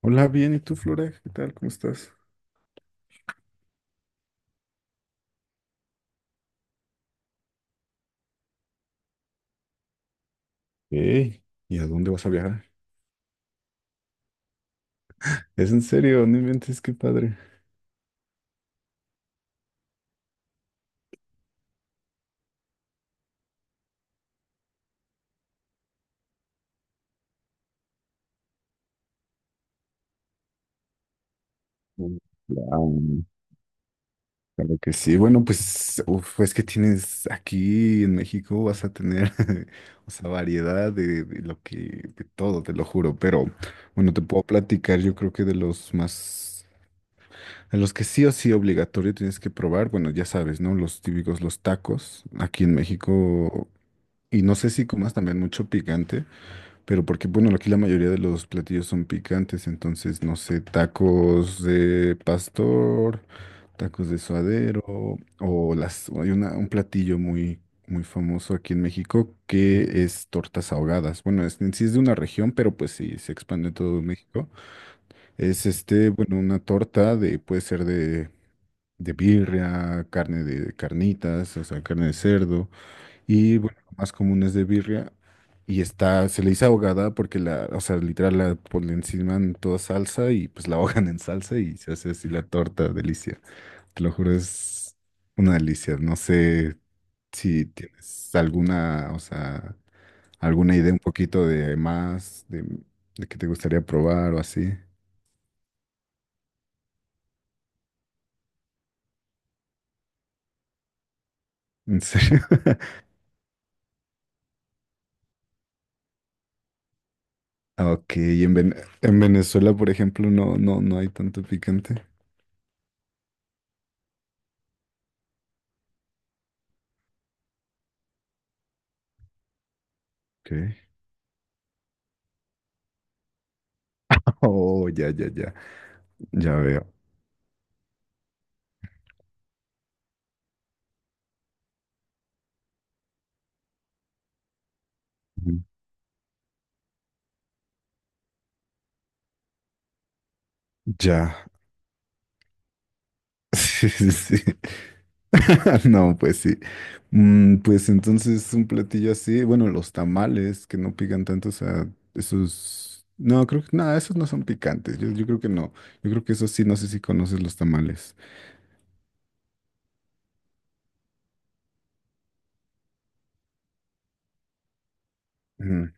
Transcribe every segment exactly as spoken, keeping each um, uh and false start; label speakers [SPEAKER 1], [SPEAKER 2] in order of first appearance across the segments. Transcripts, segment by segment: [SPEAKER 1] Hola, bien, ¿y tú, Flora? ¿Qué tal? ¿Cómo estás? Ey, ¿y a dónde vas a viajar? Es en serio, no inventes, qué padre. Mm, plan, Claro que sí. Bueno, pues, uf, es que tienes aquí en México, vas a tener, o sea, variedad de, de lo que, de todo, te lo juro. Pero, bueno, te puedo platicar, yo creo que de los más, de los que sí o sí obligatorio tienes que probar, bueno, ya sabes, ¿no? Los típicos, los tacos, aquí en México, y no sé si comas también mucho picante. Pero porque, bueno, aquí la mayoría de los platillos son picantes, entonces, no sé, tacos de pastor, tacos de suadero, o las, o hay una, un platillo muy, muy famoso aquí en México que es tortas ahogadas. Bueno, es, en sí es de una región, pero pues sí, se expande en todo México. Es este, bueno, una torta de, puede ser de, de birria, carne de carnitas, o sea, carne de cerdo. Y bueno, lo más común es de birria. Y está, se le dice ahogada porque la, o sea, literal la ponen encima en toda salsa y pues la ahogan en salsa y se hace así la torta, delicia. Te lo juro, es una delicia. No sé si tienes alguna, o sea, alguna idea un poquito de más, de, de que te gustaría probar o así. ¿En serio? Ah, ok, y en, Ven- en Venezuela, por ejemplo, no, no, no hay tanto picante. Ok. Oh, ya, ya, ya. Ya veo. Ujú. Ya. Sí, sí, sí. No, pues sí. Mm, pues entonces un platillo así, bueno, los tamales que no pican tanto, o sea, esos, no, creo que, nada, esos no son picantes, yo, yo creo que no, yo creo que esos sí, no sé si conoces los tamales. Ujú.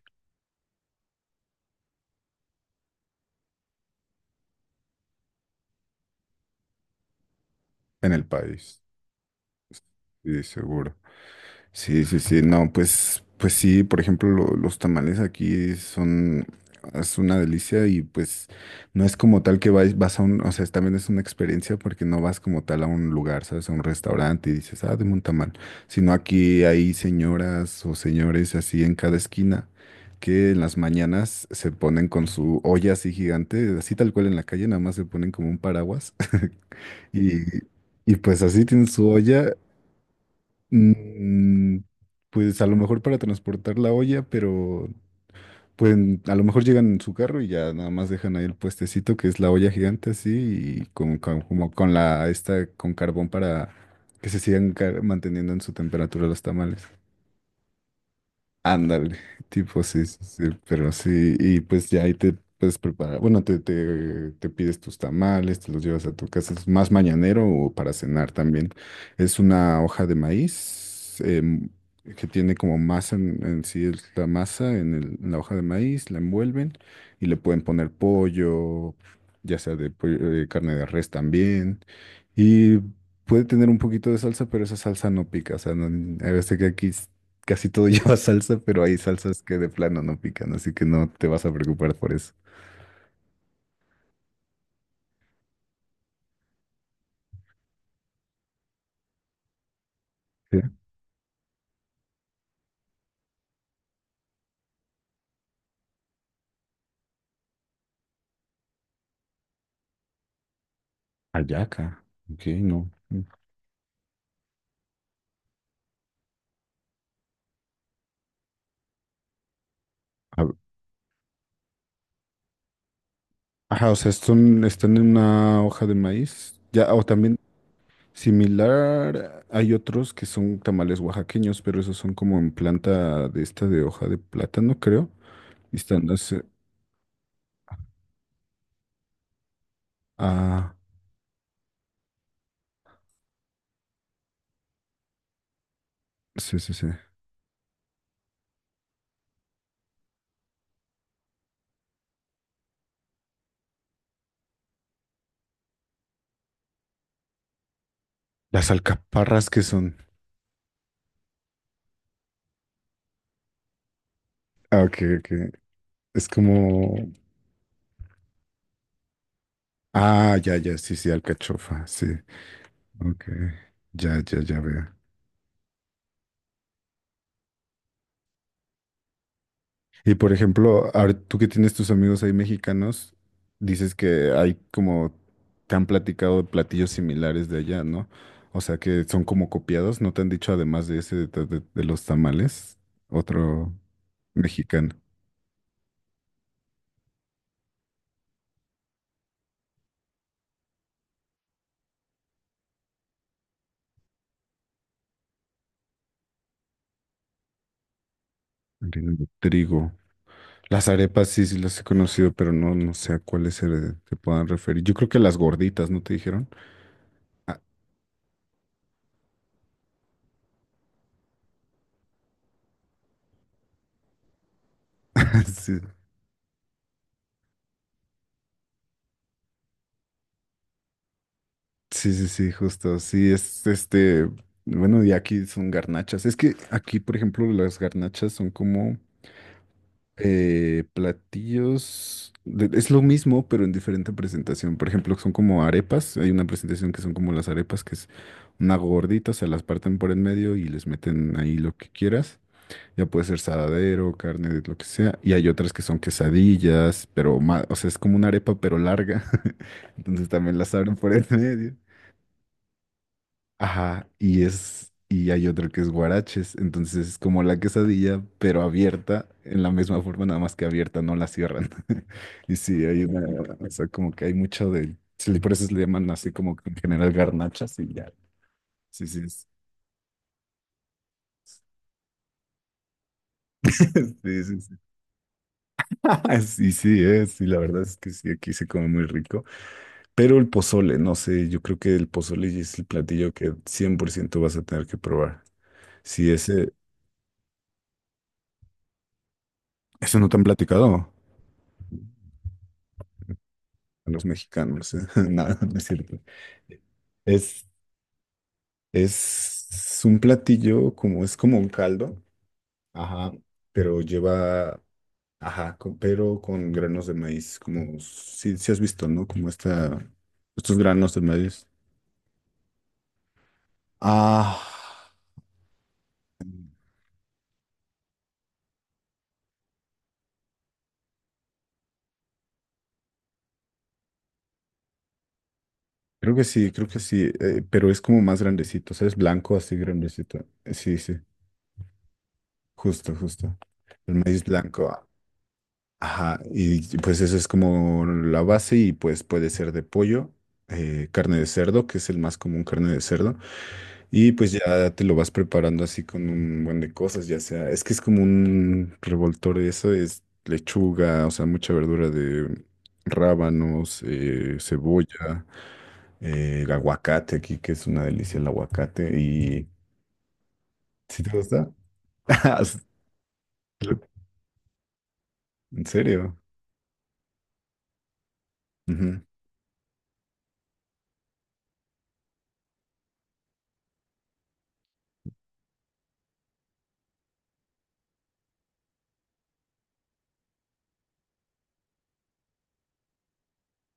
[SPEAKER 1] En el país, sí, seguro. Sí, sí, sí, no, pues, pues sí, por ejemplo, lo- los tamales aquí son, es una delicia y pues no es como tal que vas, vas a un, o sea, es- también es una experiencia porque no vas como tal a un lugar, ¿sabes? A un restaurante y dices, ah, deme un tamal, sino aquí hay señoras o señores así en cada esquina que en las mañanas se ponen con su olla así gigante, así tal cual en la calle, nada más se ponen como un paraguas y, y pues así tienen su olla. Mm, pues a lo mejor para transportar la olla, pero pueden, a lo mejor llegan en su carro y ya nada más dejan ahí el puestecito que es la olla gigante así y con, con- como con la esta con carbón para que se sigan car- manteniendo en su temperatura los tamales. Ándale, tipo sí, sí, sí, pero sí, y pues ya ahí te puedes preparar, bueno, te, te, te pides tus tamales, te los llevas a tu casa, es más mañanero o para cenar también. Es una hoja de maíz em, que tiene como masa en, en sí, es la masa en, el- en la hoja de maíz, la envuelven y le pueden poner pollo, ya sea de pollo- eh, carne de res también, y puede tener un poquito de salsa, pero esa salsa no pica, o sea, no, a veces que aquí casi todo lleva salsa, pero hay salsas que de plano no pican, así que no te vas a preocupar por eso. Sí. Ayaca, ok, no. A ver, ajá, o sea, son están en una hoja de maíz. Ya, o también similar, hay otros que son tamales oaxaqueños, pero esos son como en planta de esta de hoja de plátano, creo. Y están las, eh, ah, sí, sí, sí. Las alcaparras que son. Ah, ok, ok. Es como, ah, ya, ya, sí, sí, alcachofa, sí. Ok, ya, ya, ya veo. Y por ejemplo, ahora tú que tienes tus amigos ahí mexicanos, dices que hay como, te han platicado de platillos similares de allá, ¿no? O sea, que son como copiados, ¿no te han dicho además de ese, de, de- de los tamales, otro mexicano? Harina de trigo. Las arepas sí, sí las he conocido, pero no, no sé a cuáles se, se puedan referir. Yo creo que las gorditas, ¿no te dijeron? Ah, sí. Sí, sí, sí, justo. Sí, es este. Bueno, y aquí son garnachas. Es que aquí, por ejemplo, las garnachas son como eh, platillos. De- Es lo mismo, pero en diferente presentación. Por ejemplo, son como arepas. Hay una presentación que son como las arepas, que es una gordita, se las parten por en medio y les meten ahí lo que quieras. Ya puede ser saladero, carne, de lo que sea. Y hay otras que son quesadillas, pero más, o sea, es como una arepa, pero larga. Entonces también las abren por en medio. Ajá, y es, y hay otra que es guaraches, entonces es como la quesadilla, pero abierta, en la misma forma, nada más que abierta, no la cierran. Y sí, hay una, o sea, como que hay mucho de, sí, por eso se le llaman así como que en general garnachas y ya. Sí, sí, es- sí, sí, sí. Ah, sí, sí, es, sí, la verdad es que sí, aquí se come muy rico. Pero el pozole, no sé, yo creo que el pozole es el platillo que cien por ciento vas a tener que probar. Sí, ese, eso no te han platicado. A los mexicanos. Nada, no es cierto. Es, es un platillo como, es como un caldo, ajá, pero lleva, ajá, con- pero con granos de maíz, como, si, si has visto, ¿no? Como esta, estos granos de maíz. Ah, creo que sí, creo que sí, eh, pero es como más grandecito, o sea, es blanco así grandecito. Eh, Sí, sí, justo, justo. El maíz blanco. Ah. Ajá, y pues eso es como la base y pues puede ser de pollo, eh, carne de cerdo, que es el más común, carne de cerdo, y pues ya te lo vas preparando así con un buen de cosas, ya sea, es que es como un revoltor, eso es lechuga, o sea, mucha verdura de rábanos, eh, cebolla, eh, el aguacate aquí, que es una delicia el aguacate, y ¿si te gusta? ¿En serio? Ujú.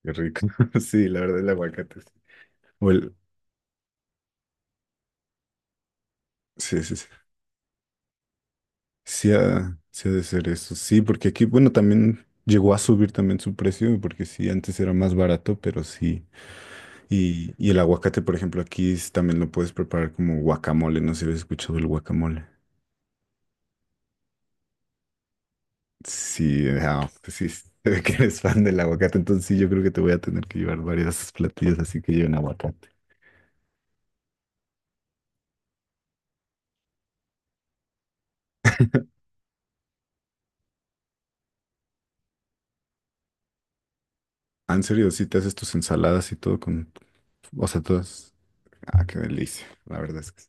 [SPEAKER 1] Qué rico. Sí, la verdad el aguacate. Sí. O el, sí, sí, sí. Sí ha, sí ha de ser eso. Sí, porque aquí, bueno, también llegó a subir también su precio, porque sí, antes era más barato, pero sí. Y, y el aguacate, por ejemplo, aquí es- también lo puedes preparar como guacamole. No sé si habías escuchado el guacamole. Sí, ah, pues sí, se ve que eres fan del aguacate, entonces sí, yo creo que te voy a tener que llevar varias platillas así que lleven aguacate. Ah, en serio, sí te haces tus ensaladas y todo con, o sea, todas. Ah, qué delicia, la verdad es que sí.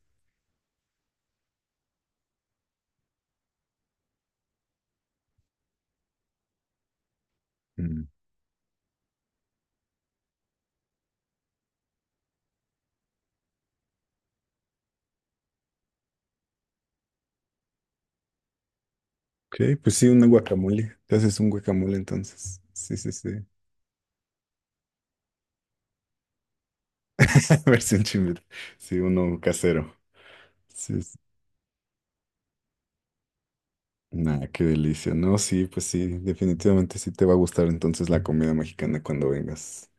[SPEAKER 1] Mm. Ok, pues sí, una guacamole. Te haces un guacamole entonces. Sí, sí, sí. Versión chimil. Sí, uno casero. Sí, sí. Nah, qué delicia. No, sí, pues sí, definitivamente sí te va a gustar entonces la comida mexicana cuando vengas.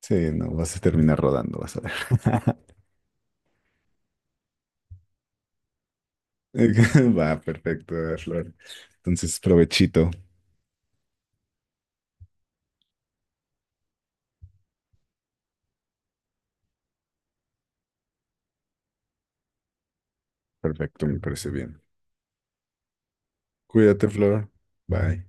[SPEAKER 1] Sí, no, vas a terminar rodando, vas a ver. Va, perfecto, Flor. Entonces, provechito. Perfecto, me parece bien. Cuídate, Flor. Bye.